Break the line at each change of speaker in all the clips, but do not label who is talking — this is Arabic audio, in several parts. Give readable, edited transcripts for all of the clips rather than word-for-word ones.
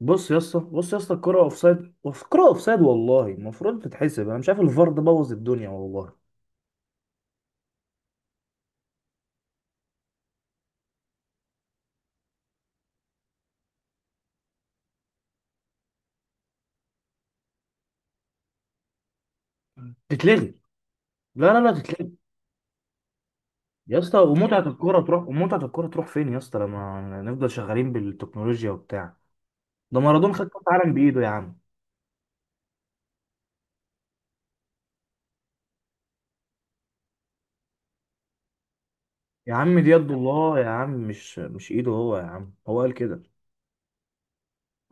بص يا اسطى، الكرة اوفسايد، الكرة اوفسايد. والله المفروض تتحسب. انا مش عارف، الفار ده بوظ الدنيا والله. تتلغي، لا لا لا، تتلغي. يا اسطى، ومتعة الكرة تروح، ومتعة الكرة تروح فين يا اسطى لما نفضل شغالين بالتكنولوجيا وبتاع؟ ده مارادونا خد كأس عالم بإيده يا عم. يا عم، دي يد الله يا عم، مش إيده هو يا عم، هو قال كده.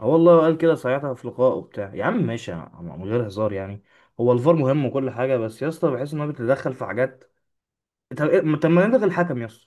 اه والله، قال كده ساعتها في لقاء وبتاع. يا عم ماشي يا عم، من غير هزار يعني. هو الفار مهم وكل حاجة، بس يا اسطى بحس إن هو بيتدخل في حاجات. طب ما نلغي الحكم يا اسطى؟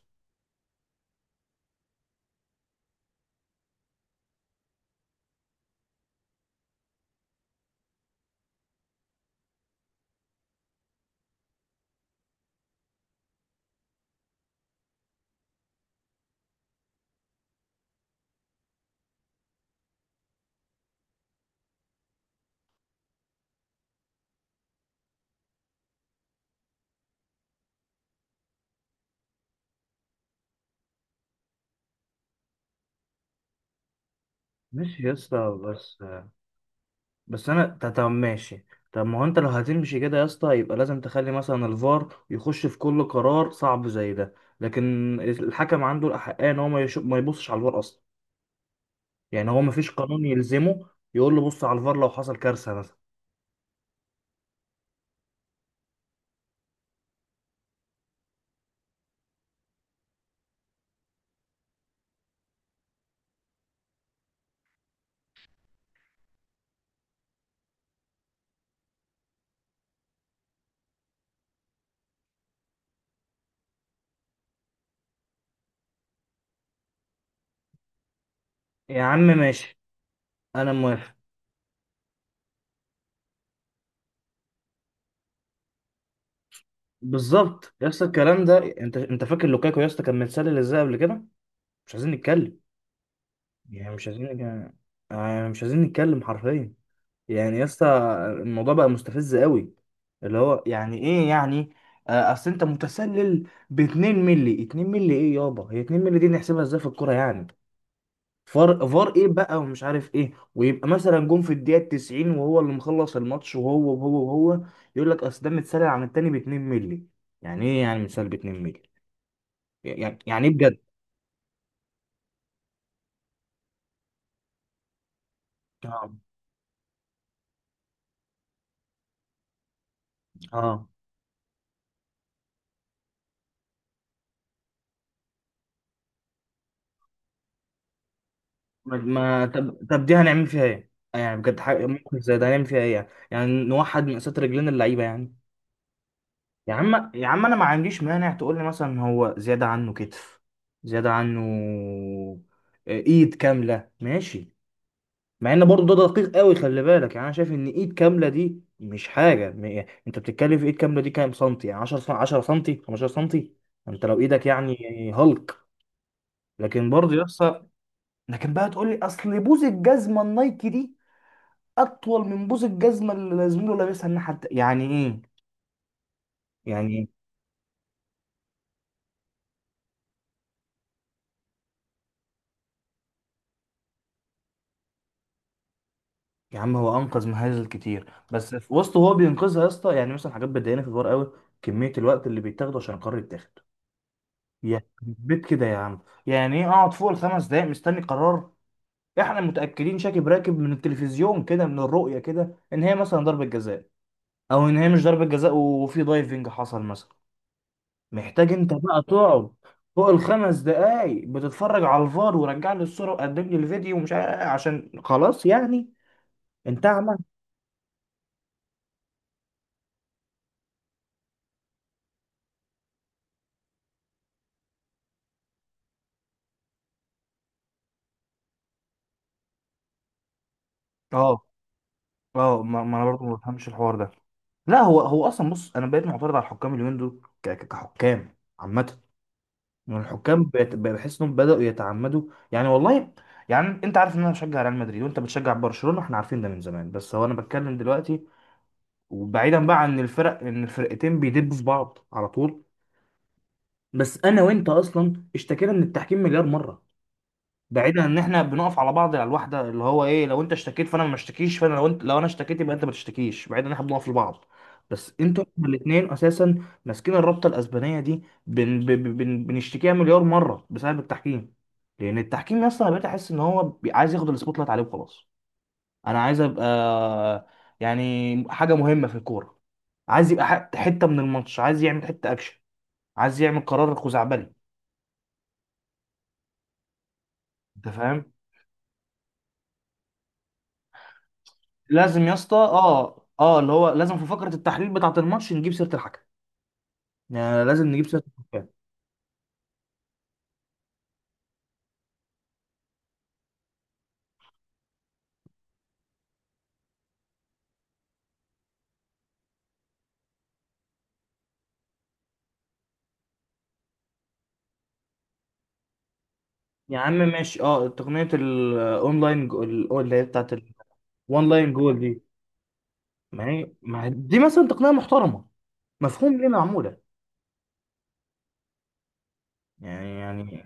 ماشي يا اسطى. بس انا طب ماشي. طب ما هو انت لو هتمشي كده يا اسطى، يبقى لازم تخلي مثلا الفار يخش في كل قرار صعب زي ده. لكن الحكم عنده الاحقيه ان هو ما يشوف، ما يبصش على الفار اصلا. يعني هو ما فيش قانون يلزمه يقول له بص على الفار لو حصل كارثه مثلا. يا عم ماشي، انا موافق. بالظبط يا اسطى الكلام ده. انت فاكر لوكاكو يا اسطى كان متسلل ازاي قبل كده؟ مش عايزين نتكلم. يعني مش عايزين نتكلم حرفيا. يعني يا اسطى، الموضوع بقى مستفز قوي. اللي هو يعني ايه يعني؟ اصل انت متسلل ب 2 مللي. 2 مللي ايه يابا؟ هي 2 مللي دي نحسبها ازاي في الكوره يعني؟ فار فار ايه بقى، ومش عارف ايه، ويبقى مثلا جون في الدقيقه 90 وهو اللي مخلص الماتش، وهو وهو وهو يقول لك اصل ده متسلل عن التاني ب 2 مللي. يعني ايه يعني متسلل ب 2 مللي؟ يعني ايه بجد؟ اه اه طب دي هنعمل فيها ايه؟ يعني بجد حاجة ممكن زي ده هنعمل فيها ايه يعني؟ يعني نوحد مقاسات رجلين اللعيبة يعني؟ يا عم يا عم، انا ما عنديش مانع تقول لي مثلا هو زيادة عنه كتف، زيادة عنه ايد كاملة، ماشي. مع ان برضه ده دقيق قوي خلي بالك. يعني انا شايف ان ايد كاملة دي مش حاجة يعني انت بتتكلم في ايد كاملة دي كام سنتي؟ يعني 10 10 سنتي، 15 سنتي. انت لو ايدك يعني هالك. لكن برضه يحصل، لكن بقى تقول لي اصل بوز الجزمة النايكي دي اطول من بوس الجزمه اللي زميله لابسها الناحيه يعني ايه؟ يعني ايه؟ يا عم، هو انقذ مهازل كتير، بس في وسط هو بينقذها يا اسطى، يعني مثلا حاجات بتضايقني في الحوار قوي. كميه الوقت اللي بيتاخده عشان القرار يتاخد يا بيت كده يا عم. يعني ايه اقعد فوق الخمس دقايق مستني قرار؟ احنا متاكدين شاكب راكب من التلفزيون كده، من الرؤيه كده، ان هي مثلا ضربه جزاء، او ان هي مش ضربه جزاء وفي دايفنج حصل مثلا. محتاج انت بقى تقعد فوق الخمس دقايق بتتفرج على الفار، ورجع لي الصورة، وقدم لي الفيديو، ومش عارف إيه، عشان خلاص يعني. انت عمل. اه اه ما انا برضه ما بفهمش الحوار ده. لا، هو اصلا، بص انا بقيت معترض على الحكام اليومين دول كحكام عامة. يعني الحكام بقى بحس انهم بدأوا يتعمدوا يعني والله. يعني انت عارف ان انا بشجع ريال مدريد وانت بتشجع برشلونة، احنا عارفين ده من زمان. بس هو انا بتكلم دلوقتي وبعيدا بقى عن الفرق ان الفرقتين بيدبوا في بعض على طول. بس انا وانت اصلا اشتكينا من التحكيم مليار مره، بعيدا عن ان احنا بنقف على بعض على الواحده اللي هو ايه، لو انت اشتكيت فانا ما اشتكيش، فانا لو انت، لو انا اشتكيت يبقى انت ما تشتكيش، بعيدا ان احنا بنقف لبعض. بس انتوا الاثنين اساسا ماسكين الرابطه الاسبانيه دي، بن بن بن بنشتكيها مليار مره بسبب التحكيم. لان التحكيم اصلا بقيت احس ان هو عايز ياخد السبوت لايت عليه وخلاص. انا عايز ابقى، يعني حاجه مهمه في الكوره، عايز يبقى حته من الماتش، عايز يعمل حته اكشن، عايز يعمل قرار خزعبلي. انت فاهم؟ لازم يا اسطى، اللي هو لازم في فقره التحليل بتاعه الماتش نجيب سيره الحكم. يعني لازم نجيب سيره الحكام. يا عم ماشي، اه تقنيه الاونلاين اللي هي بتاعه الوان لاين جول دي. ما هي دي مثلا تقنيه محترمه، مفهوم ليه معموله. يعني،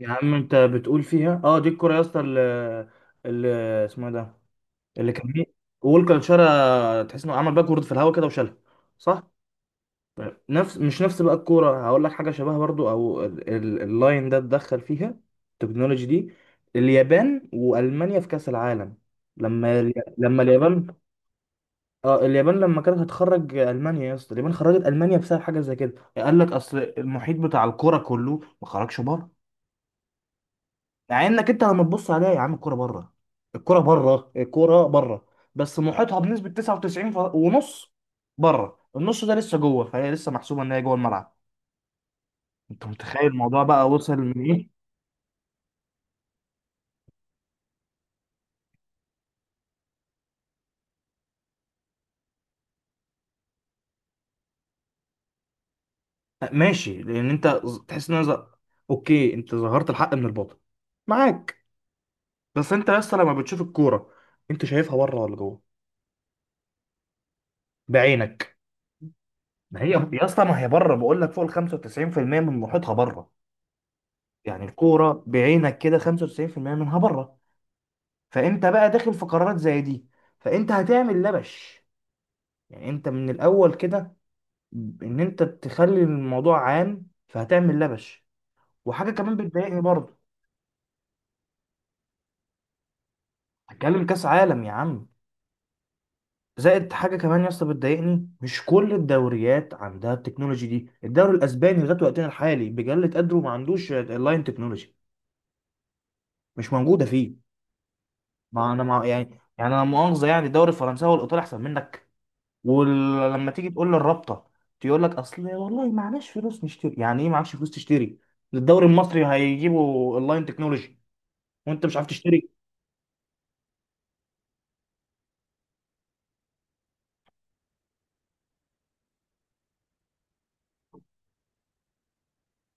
يا عم انت بتقول فيها اه، دي الكره يا اسطى اللي اسمه إيه ده، اللي كان، وولكر شالها، تحس انه عمل باكورد في الهواء كده وشالها، صح؟ نفس مش نفس بقى الكورة، هقول لك حاجة شبهها برضو، او اللاين ده اتدخل فيها، التكنولوجي دي، اليابان وألمانيا في كأس العالم. لما لما اليابان، اه اليابان لما كانت هتخرج ألمانيا يا اسطى، اليابان خرجت ألمانيا بسبب حاجة زي كده، قال لك اصل المحيط بتاع الكورة كله ما خرجش بره. مع انك انت لما تبص عليها يا عم، الكورة بره، الكورة بره، الكورة بره، بس محيطها بنسبة 99 ونص بره، النص ده لسه جوه، فهي لسه محسوبة ان هي جوه الملعب. انت متخيل الموضوع بقى وصل من ايه؟ ماشي، لان انت تحس ان أنا اوكي، انت ظهرت الحق من الباطل، معاك. بس انت يا اسطى لما بتشوف الكوره، انت شايفها بره ولا جوه بعينك؟ ما هي يا اسطى، ما هي بره، بقول لك فوق ال 95% من محيطها بره. يعني الكوره بعينك كده 95% منها بره، فانت بقى داخل في قرارات زي دي، فانت هتعمل لبش. يعني انت من الاول كده ان انت تخلي الموضوع عام فهتعمل لبش. وحاجه كمان بتضايقني برضه، هتكلم كاس عالم يا عم. زائد حاجه كمان يا اسطى بتضايقني، مش كل الدوريات عندها التكنولوجي دي، الدوري الاسباني لغايه وقتنا الحالي بجلة قدره ما عندوش اللاين تكنولوجي، مش موجوده فيه. ما انا مع يعني، يعني انا مؤاخذه يعني، الدوري الفرنساوي والايطالي احسن منك. ولما تيجي تقول للرابطه تقول لك اصل والله معناش فلوس نشتري. يعني ايه معكش فلوس تشتري؟ الدوري المصري هيجيبوا اللاين تكنولوجي وانت مش عارف تشتري؟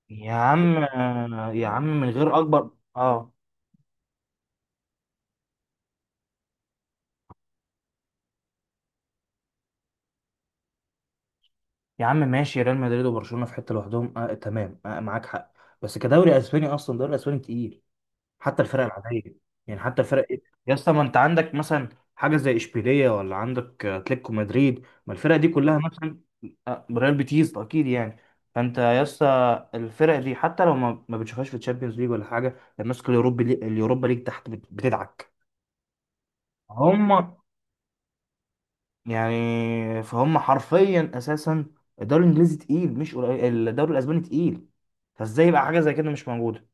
يا عم، يا عم، من غير اكبر. اه. يا عم ماشي، ريال مدريد وبرشلونه في حته لوحدهم، آه تمام، آه معاك حق. بس كدوري اسباني اصلا الدوري الاسباني تقيل، حتى الفرق العاديه. يعني حتى الفرق إيه؟ يا اسطى، ما انت عندك مثلا حاجه زي اشبيليه، ولا عندك اتلتيكو مدريد، ما الفرق دي كلها مثلا. آه ريال بيتيس اكيد يعني. فانت يا اسطى الفرق دي حتى لو ما بتشوفهاش في الشامبيونز ليج ولا حاجه، الناس الأوروبي اليوروبا ليج تحت بتدعك. هم، يعني فهم حرفيا اساسا. الدوري الانجليزي تقيل مش قليل، الدوري الاسباني تقيل، فازاي يبقى حاجه زي كده مش موجوده؟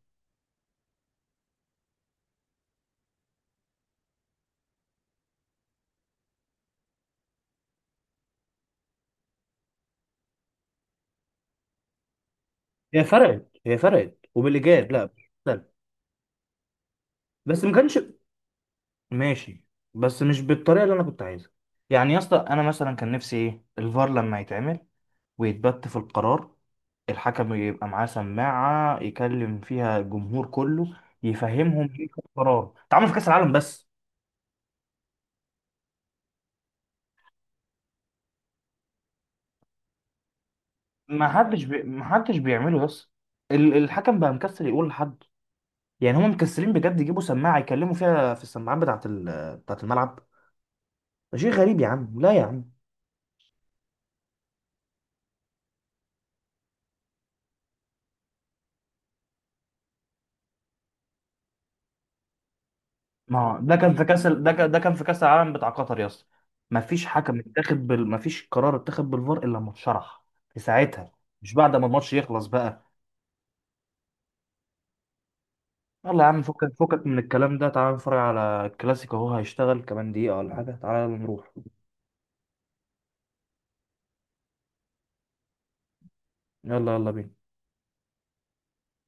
هي فرقت، هي فرقت وبالإيجاب، لا. لا. بس ما كانش، ماشي، بس مش بالطريقه اللي انا كنت عايزها. يعني يا اسطى انا مثلا كان نفسي ايه، الفار لما يتعمل ويتبت في القرار، الحكم يبقى معاه سماعه يكلم فيها الجمهور كله، يفهمهم ايه القرار. اتعمل في كاس العالم بس. ما حدش بيعمله يس. الحكم بقى مكسل يقول لحد. يعني هم مكسلين بجد يجيبوا سماعه يكلموا فيها في السماعات بتاعه بتاعه الملعب. ده شيء غريب يا عم، لا يا عم. ما هو ده كان في كاس العالم بتاع قطر، يس. ما فيش حكم اتاخد بال... ما فيش قرار اتاخد بالفار الا لما اتشرح في ساعتها. مش بعد ما الماتش يخلص بقى. يلا يا عم، فكك فكك من الكلام ده، تعالى نتفرج على الكلاسيكو، اهو هيشتغل كمان دقيقه ولا حاجه، تعالى يلا نروح. يلا يلا بينا.